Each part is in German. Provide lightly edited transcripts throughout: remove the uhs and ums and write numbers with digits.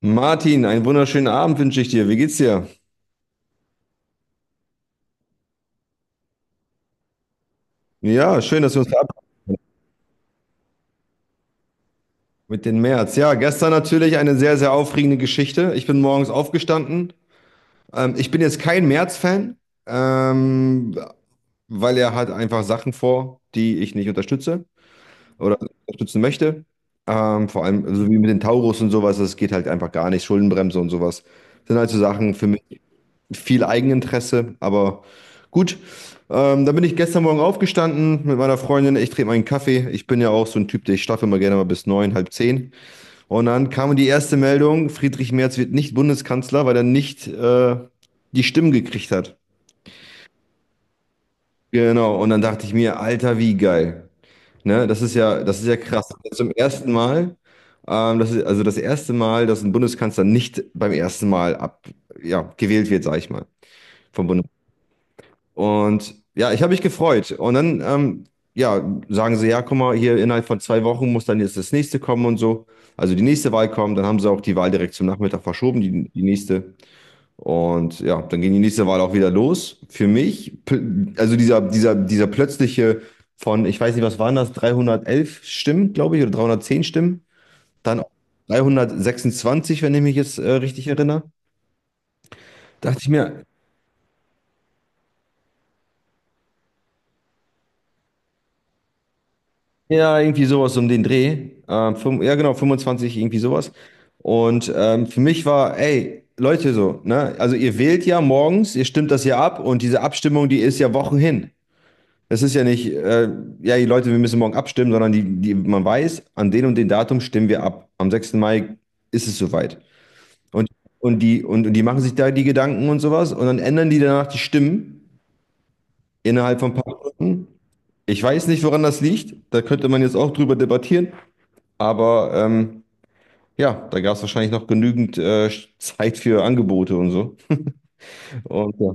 Martin, einen wunderschönen Abend wünsche ich dir. Wie geht's dir? Ja, schön, dass wir uns verabreden können mit den März. Ja, gestern natürlich eine sehr, sehr aufregende Geschichte. Ich bin morgens aufgestanden. Ich bin jetzt kein März-Fan, ähm, weil er hat einfach Sachen vor, die ich nicht unterstütze oder unterstützen möchte. Vor allem so wie mit den Taurus und sowas, das geht halt einfach gar nicht. Schuldenbremse und sowas sind halt so Sachen für mich. Viel Eigeninteresse, aber gut. Dann bin ich gestern Morgen aufgestanden mit meiner Freundin. Ich trinke meinen Kaffee. Ich bin ja auch so ein Typ, der ich schlafe immer gerne mal bis neun, halb zehn. Und dann kam die erste Meldung: Friedrich Merz wird nicht Bundeskanzler, weil er nicht die Stimmen gekriegt hat. Genau. Und dann dachte ich mir: Alter, wie geil. Ne? Das ist ja krass. Zum ersten Mal, das ist also das erste Mal, dass ein Bundeskanzler nicht beim ersten Mal ja, gewählt wird, sag ich mal, vom Bundestag. Und ja, ich habe mich gefreut. Und dann, ja, sagen sie: Ja, guck mal, hier innerhalb von 2 Wochen muss dann jetzt das nächste kommen und so. Also die nächste Wahl kommt, dann haben sie auch die Wahl direkt zum Nachmittag verschoben, die nächste. Und ja, dann ging die nächste Wahl auch wieder los. Für mich, also dieser plötzliche von, ich weiß nicht, was waren das, 311 Stimmen, glaube ich, oder 310 Stimmen, dann auf 326, wenn ich mich jetzt richtig erinnere, dachte ich mir: Ja, irgendwie sowas um den Dreh. Ja, genau, fünfundzwanzig, irgendwie sowas. Und für mich war: Ey, Leute, so, ne? Also ihr wählt ja morgens, ihr stimmt das ja ab, und diese Abstimmung, die ist ja Wochen hin. Das ist ja nicht ja, die Leute, wir müssen morgen abstimmen, sondern die, man weiß, an den und den Datum stimmen wir ab. Am 6. Mai ist es soweit. Und, und die machen sich da die Gedanken und sowas, und dann ändern die danach die Stimmen innerhalb von ein paar Stunden. Ich weiß nicht, woran das liegt. Da könnte man jetzt auch drüber debattieren. Aber ja, da gab es wahrscheinlich noch genügend Zeit für Angebote und so. Und, ja.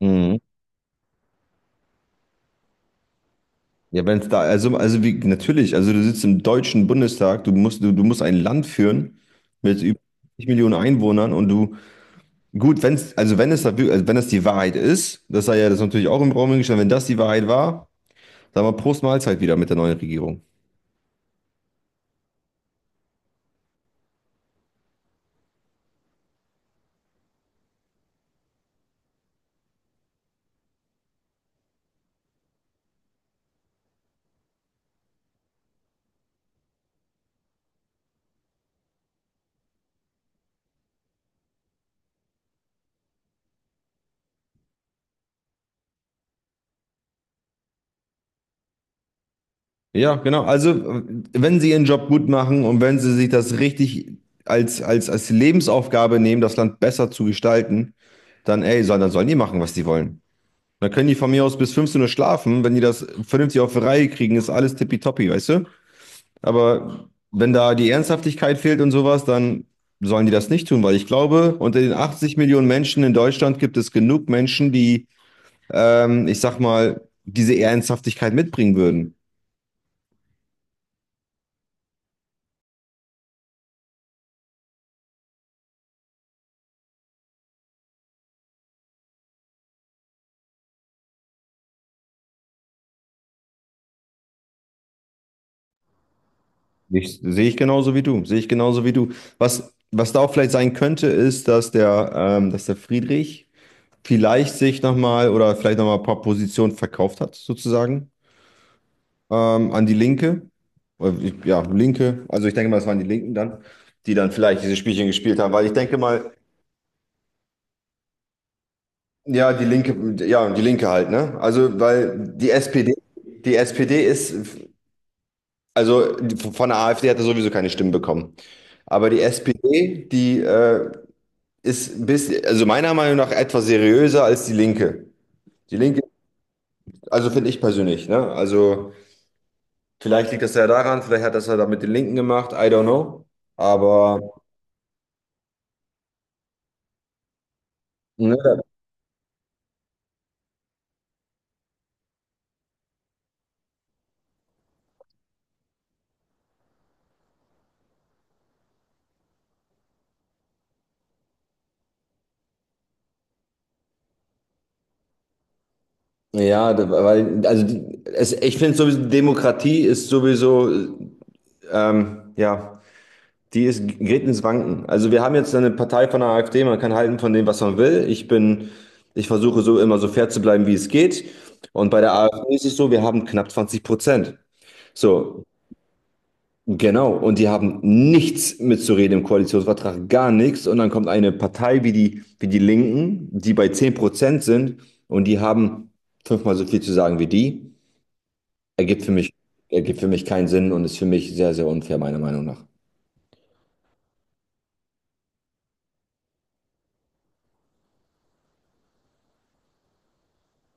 Mhm. Ja, wenn es da, also, natürlich, also du sitzt im Deutschen Bundestag, du musst ein Land führen mit über 50 Millionen Einwohnern und du, gut, wenn es, also wenn das die Wahrheit ist, das sei ja das natürlich auch im Raum gestellt, wenn das die Wahrheit war, dann mal Prost Mahlzeit wieder mit der neuen Regierung. Ja, genau. Also, wenn sie ihren Job gut machen und wenn sie sich das richtig als Lebensaufgabe nehmen, das Land besser zu gestalten, dann, ey, dann sollen die machen, was die wollen. Dann können die von mir aus bis 15 Uhr schlafen. Wenn die das vernünftig auf die Reihe kriegen, ist alles tippitoppi, weißt du? Aber wenn da die Ernsthaftigkeit fehlt und sowas, dann sollen die das nicht tun, weil ich glaube, unter den 80 Millionen Menschen in Deutschland gibt es genug Menschen, die, ich sag mal, diese Ernsthaftigkeit mitbringen würden. Sehe ich genauso wie du, sehe ich genauso wie du. Was da auch vielleicht sein könnte, ist, dass der Friedrich vielleicht sich nochmal, oder vielleicht nochmal ein paar Positionen verkauft hat, sozusagen, an die Linke. Oder ja, Linke. Also ich denke mal, es waren die Linken dann, die dann vielleicht diese Spielchen gespielt haben, weil ich denke mal, ja, die Linke halt, ne? Also, weil die SPD ist, von der AfD hat er sowieso keine Stimmen bekommen. Aber die SPD, die ist ein bisschen, also meiner Meinung nach, etwas seriöser als die Linke. Die Linke, also finde ich persönlich, ne? Also vielleicht liegt das ja daran, vielleicht hat das ja da mit den Linken gemacht, I don't know. Aber ne, ja, weil, also die, es, ich finde sowieso, Demokratie ist sowieso, ja, gerät ins Wanken. Also wir haben jetzt eine Partei von der AfD, man kann halten von dem, was man will. Ich versuche so immer so fair zu bleiben, wie es geht. Und bei der AfD ist es so, wir haben knapp 20%. So. Genau, und die haben nichts mitzureden im Koalitionsvertrag, gar nichts. Und dann kommt eine Partei wie die, Linken, die bei 10% sind, und die haben fünfmal so viel zu sagen wie die. Ergibt für mich, ergibt für mich keinen Sinn und ist für mich sehr, sehr unfair, meiner Meinung nach.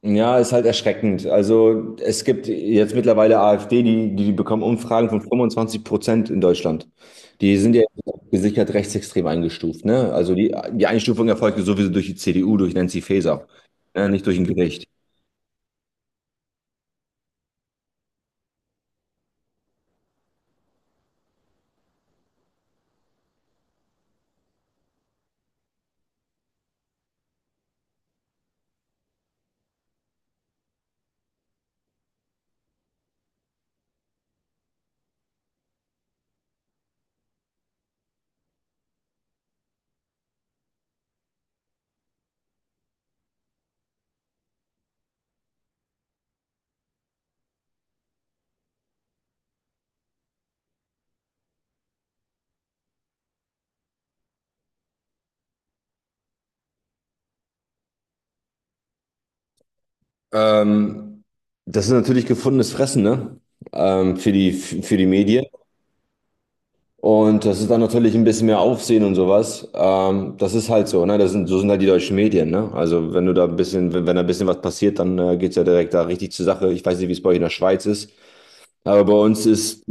Ja, ist halt erschreckend. Also es gibt jetzt mittlerweile AfD, die bekommen Umfragen von 25% in Deutschland. Die sind ja gesichert rechtsextrem eingestuft. Ne? Also die Einstufung erfolgte sowieso durch die CDU, durch Nancy Faeser, ne? Nicht durch ein Gericht. Ähm, Das ist natürlich gefundenes Fressen, ne? Für die Medien. Und das ist dann natürlich ein bisschen mehr Aufsehen und sowas. Das ist halt so, ne? So sind halt die deutschen Medien, ne? Also wenn du da ein bisschen, wenn da ein bisschen was passiert, dann geht's ja direkt da richtig zur Sache. Ich weiß nicht, wie es bei euch in der Schweiz ist, aber bei uns ist,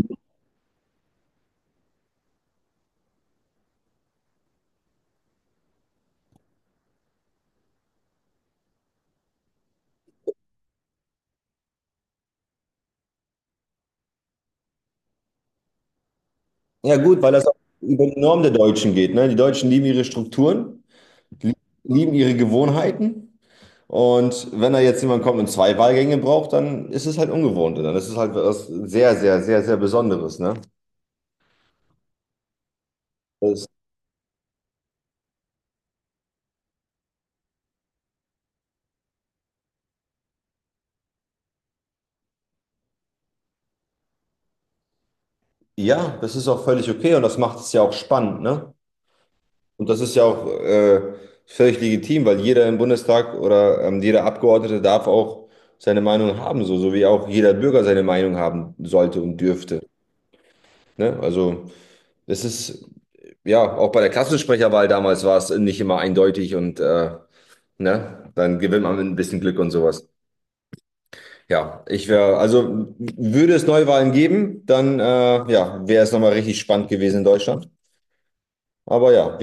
ja gut, weil das auch über die Norm der Deutschen geht, ne? Die Deutschen lieben ihre Strukturen, lie- lieben ihre Gewohnheiten. Und wenn da jetzt jemand kommt und zwei Wahlgänge braucht, dann ist es halt ungewohnt. Und dann ist es halt was sehr, sehr, sehr, sehr Besonderes, ne? Das, ja, das ist auch völlig okay, und das macht es ja auch spannend, ne? Und das ist ja auch völlig legitim, weil jeder im Bundestag oder jeder Abgeordnete darf auch seine Meinung haben, so, so wie auch jeder Bürger seine Meinung haben sollte und dürfte. Ne? Es ist, ja, auch bei der Klassensprecherwahl damals war es nicht immer eindeutig, und ne, dann gewinnt man mit ein bisschen Glück und sowas. Ja, also würde es Neuwahlen geben, dann ja, wäre es nochmal richtig spannend gewesen in Deutschland. Aber ja.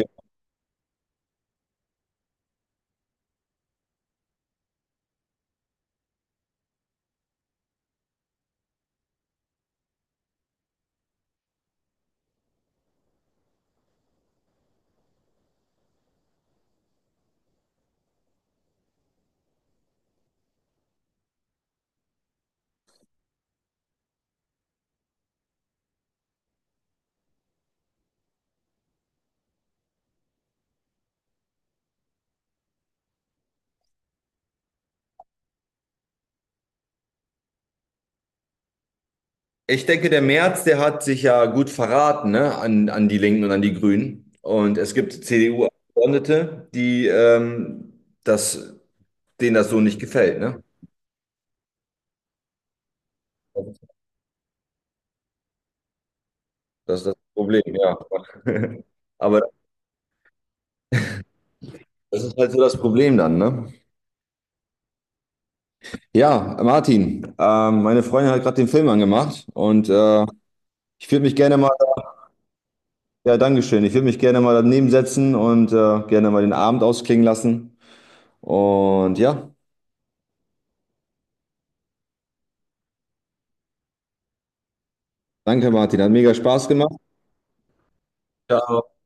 Ich denke, der Merz, der hat sich ja gut verraten, ne, an die Linken und an die Grünen. Und es gibt CDU-Abgeordnete, denen das so nicht gefällt, ne? Das ist das Problem, ja. Aber das ist halt so das Problem dann, ne? Ja, Martin, meine Freundin hat gerade den Film angemacht, und ich würde mich gerne mal, ja, Dankeschön, ich würde mich gerne mal daneben setzen und gerne mal den Abend ausklingen lassen. Und ja, danke, Martin, hat mega Spaß gemacht. Ja,